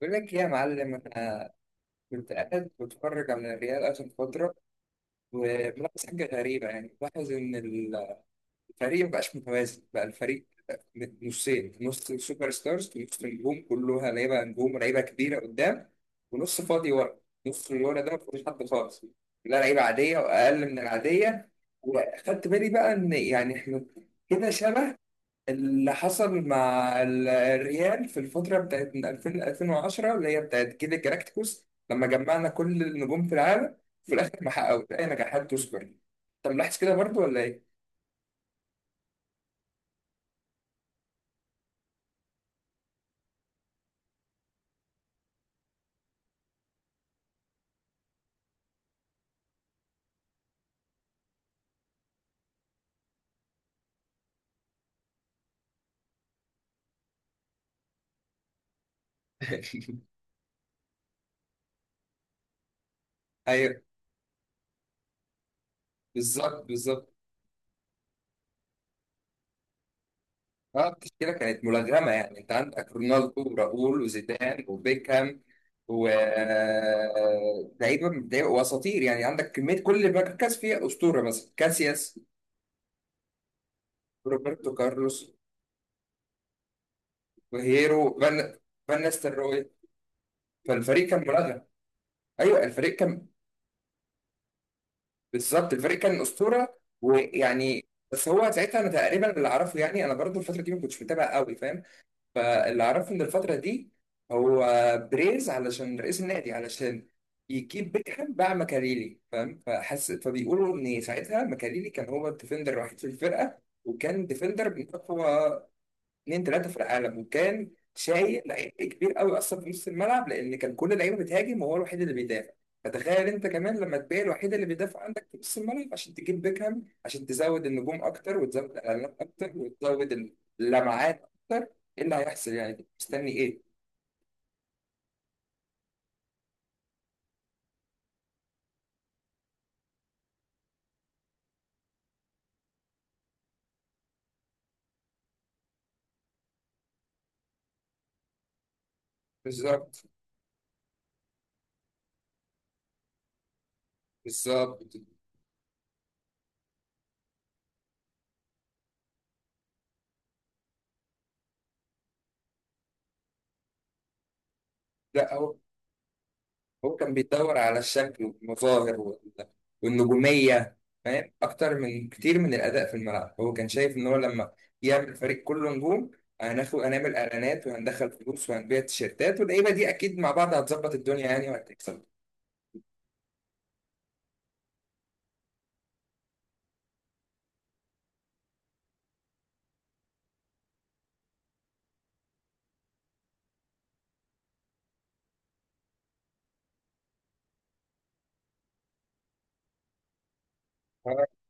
بقول لك إيه يا معلم، أنا كنت قاعد بتفرج على الريال آخر فترة وملاحظ حاجة غريبة، يعني ملاحظ إن الفريق مبقاش متوازن. بقى الفريق نصين، نص سوبر ستارز نص نجوم كلها لعيبة نجوم لعيبة كبيرة قدام، ونص فاضي ورا. نص اللي ورا ده مفيش حد خالص، لا لعيبة عادية وأقل من العادية. وأخدت بالي بقى إن يعني إحنا كده شبه اللي حصل مع الريال في الفترة بتاعت من 2000 ل 2010 اللي هي بتاعت جيل الجلاكتيكوس، لما جمعنا كل النجوم في العالم في الآخر ما حققوش أي نجاحات تذكر. طب ملاحظ كده برضو ولا إيه؟ أيوه بالظبط بالظبط. أه، التشكيلة كانت ملغمة يعني، أنت عندك رونالدو وراؤول وزيدان وبيكهام و لعيبة لعيبة وأساطير، يعني عندك كمية كل مركز فيها أسطورة، مثلا كاسياس، روبرتو كارلوس، وهيرو فان نستروي، فالفريق كان ملغى. ايوه الفريق كان، بالظبط الفريق كان اسطوره ويعني، بس هو ساعتها انا تقريبا اللي اعرفه، يعني انا برضو الفتره دي ما كنتش متابع قوي، فاهم؟ فاللي اعرفه ان الفتره دي هو بريز، علشان رئيس النادي، علشان يجيب بيكهام باع مكاريلي، فاهم؟ فحس، فبيقولوا ان ساعتها مكاريلي كان هو الديفندر الوحيد في الفرقه، وكان ديفندر من اقوى اتنين تلاته في العالم، وكان شايل لعيب كبير قوي اصلا في نص الملعب، لان كان كل اللعيبه بتهاجم وهو الوحيد اللي بيدافع. فتخيل انت كمان لما تبيع الوحيد اللي بيدافع عندك في نص الملعب عشان تجيب بيكهام، عشان تزود النجوم اكتر وتزود الاعلانات اكتر وتزود اللمعات اكتر، ايه اللي هيحصل يعني، مستني ايه؟ بالظبط بالظبط. لا هو كان بيدور على الشكل والمظاهر والنجومية، فاهم؟ أكتر من كتير من الأداء في الملعب. هو كان شايف إن هو لما يعمل فريق كله نجوم هناخد هنعمل إعلانات وهندخل فلوس وهنبيع تيشيرتات، واللعيبة دي أكيد مع بعض هتظبط الدنيا يعني وهتكسب. آه،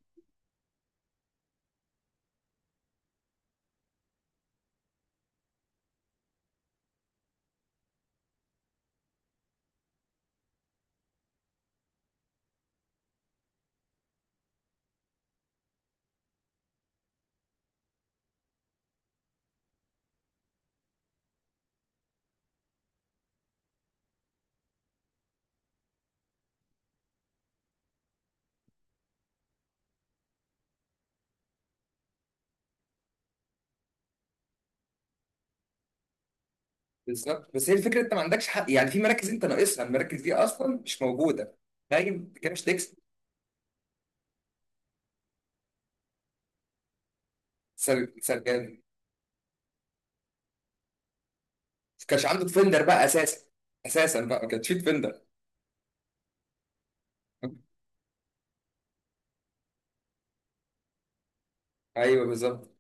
بالظبط، بس هي الفكرة أنت ما عندكش حق، يعني في مراكز أنت ناقصها المراكز دي أصلا مش موجودة، فاهم كده مش تكسب. ما كانش عنده ديفندر بقى أساسا، أساسا بقى ما كانش في ديفندر. أيوه بالظبط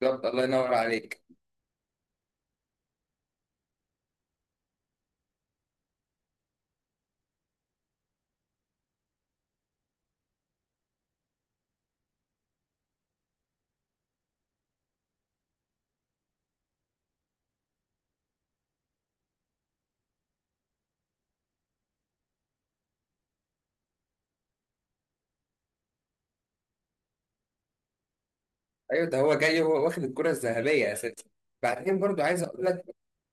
بالظبط، الله ينور عليك. ايوه ده هو جاي وهو واخد الكرة الذهبية اساسا. بعدين برضو عايز اقول لك،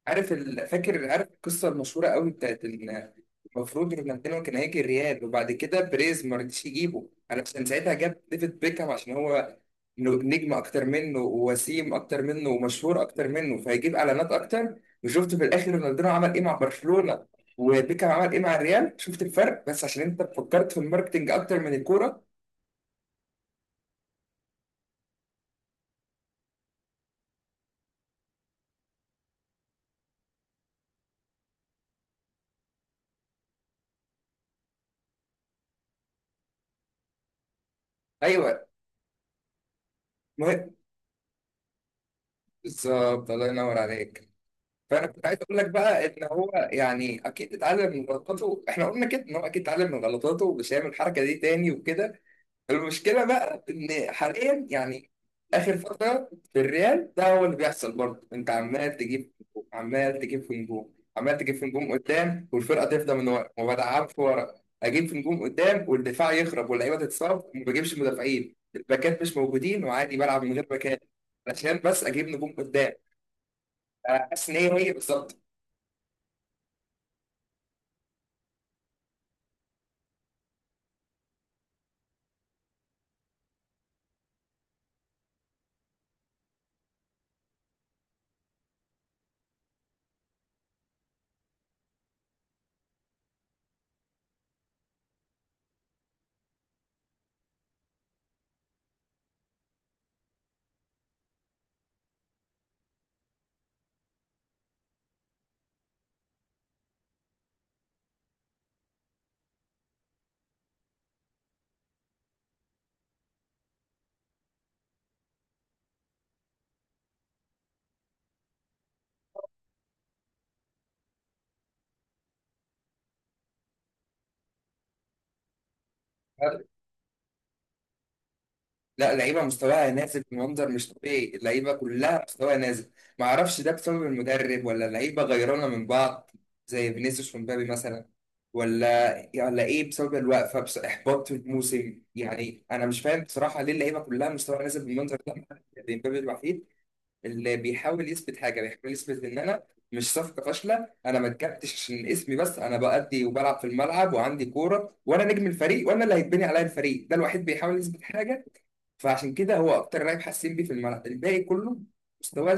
عارف فاكر، عارف القصة المشهورة قوي بتاعت ان المفروض رونالدينو كان هيجي الريال، وبعد كده بريز ما رضيش يجيبه علشان ساعتها جاب ديفيد بيكهام عشان هو نجم اكتر منه ووسيم اكتر منه ومشهور اكتر منه فهيجيب اعلانات اكتر. وشفت في الاخر رونالدينو عمل ايه مع برشلونة وبيكهام عمل ايه مع الريال، شفت الفرق؟ بس عشان انت فكرت في الماركتينج اكتر من الكورة. ايوه مهم. بالظبط، الله ينور عليك. فانا كنت عايز اقول لك بقى ان هو يعني اكيد اتعلم من غلطاته، احنا قلنا كده ان هو اكيد اتعلم من غلطاته ومش هيعمل الحركه دي تاني وكده. المشكله بقى ان حاليا يعني اخر فتره في الريال ده هو اللي بيحصل برضه، انت عمال تجيب هجوم، عمال تجيب في نجوم عمال تجيب في نجوم قدام والفرقه تفضى من ورا ما بدعمش ورا، اجيب في نجوم قدام والدفاع يخرب واللعيبه تتصاب وما بجيبش مدافعين، الباكات مش موجودين وعادي بلعب من غير باكات عشان بس اجيب نجوم قدام. انا حاسس ان هي هي بالظبط. لا لعيبه مستواها نازل بمنظر مش طبيعي، اللعيبه كلها مستواها نازل، ما اعرفش ده بسبب المدرب ولا اللعيبه غيرانه من بعض، زي فينيسيوس ومبابي مثلا، ولا ايه بسبب الوقفه بس احباط الموسم، يعني انا مش فاهم بصراحه ليه اللعيبه كلها مستواها نازل بالمنظر ده. ما حدش- مبابي الوحيد اللي بيحاول يثبت حاجه، بيحاول يثبت ان انا مش صفقه فاشله، انا ما اتجبتش عشان اسمي بس، انا بأدي وبلعب في الملعب وعندي كوره وانا نجم الفريق وانا اللي هيتبني عليا الفريق، ده الوحيد بيحاول يثبت حاجه. فعشان كده هو اكتر لاعب حاسين بيه في الملعب، الباقي كله مستواه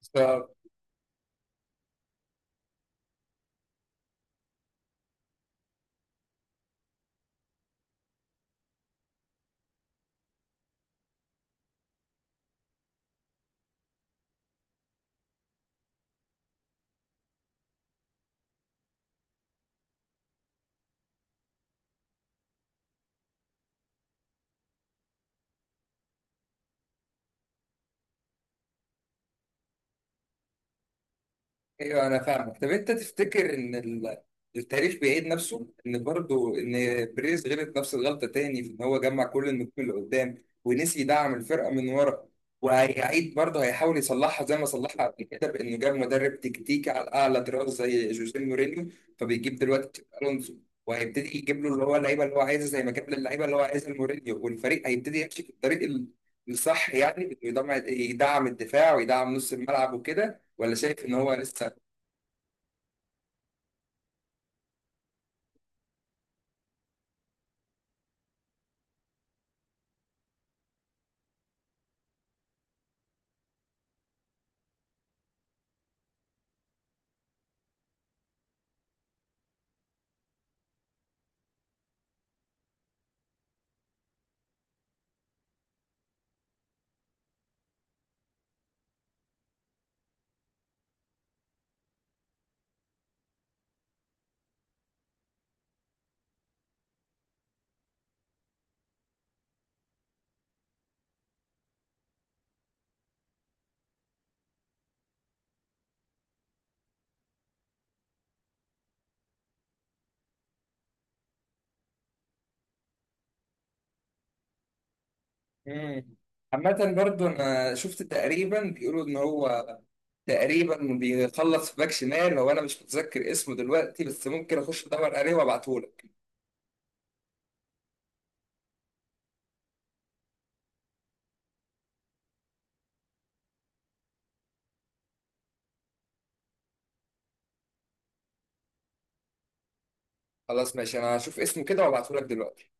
صفر. ايوه انا فاهمك. طب انت تفتكر ان التاريخ بيعيد نفسه، ان برضه ان بريز غلط نفس الغلطه تاني في ان هو جمع كل النجوم اللي قدام ونسي يدعم الفرقه من ورا، وهيعيد برضه هيحاول يصلحها زي ما صلحها قبل كده بانه جاب مدرب تكتيكي على اعلى طراز زي جوزيه مورينيو، فبيجيب دلوقتي تشابي الونسو وهيبتدي يجيب له اللي هو اللعيبه اللي هو عايزها زي ما جاب للعيبه اللي هو عايزها مورينيو، والفريق هيبتدي يمشي في الطريق الصح يعني بإنه يدعم يدعم الدفاع ويدعم نص الملعب وكده، ولا شايف ان هو لسه مم. عامة برضو أنا شفت تقريبا بيقولوا إن هو تقريبا بيخلص في باك شمال، هو أنا مش متذكر اسمه دلوقتي بس ممكن أخش أدور عليه وأبعتهولك. خلاص ماشي، أنا هشوف اسمه كده وأبعتهولك دلوقتي.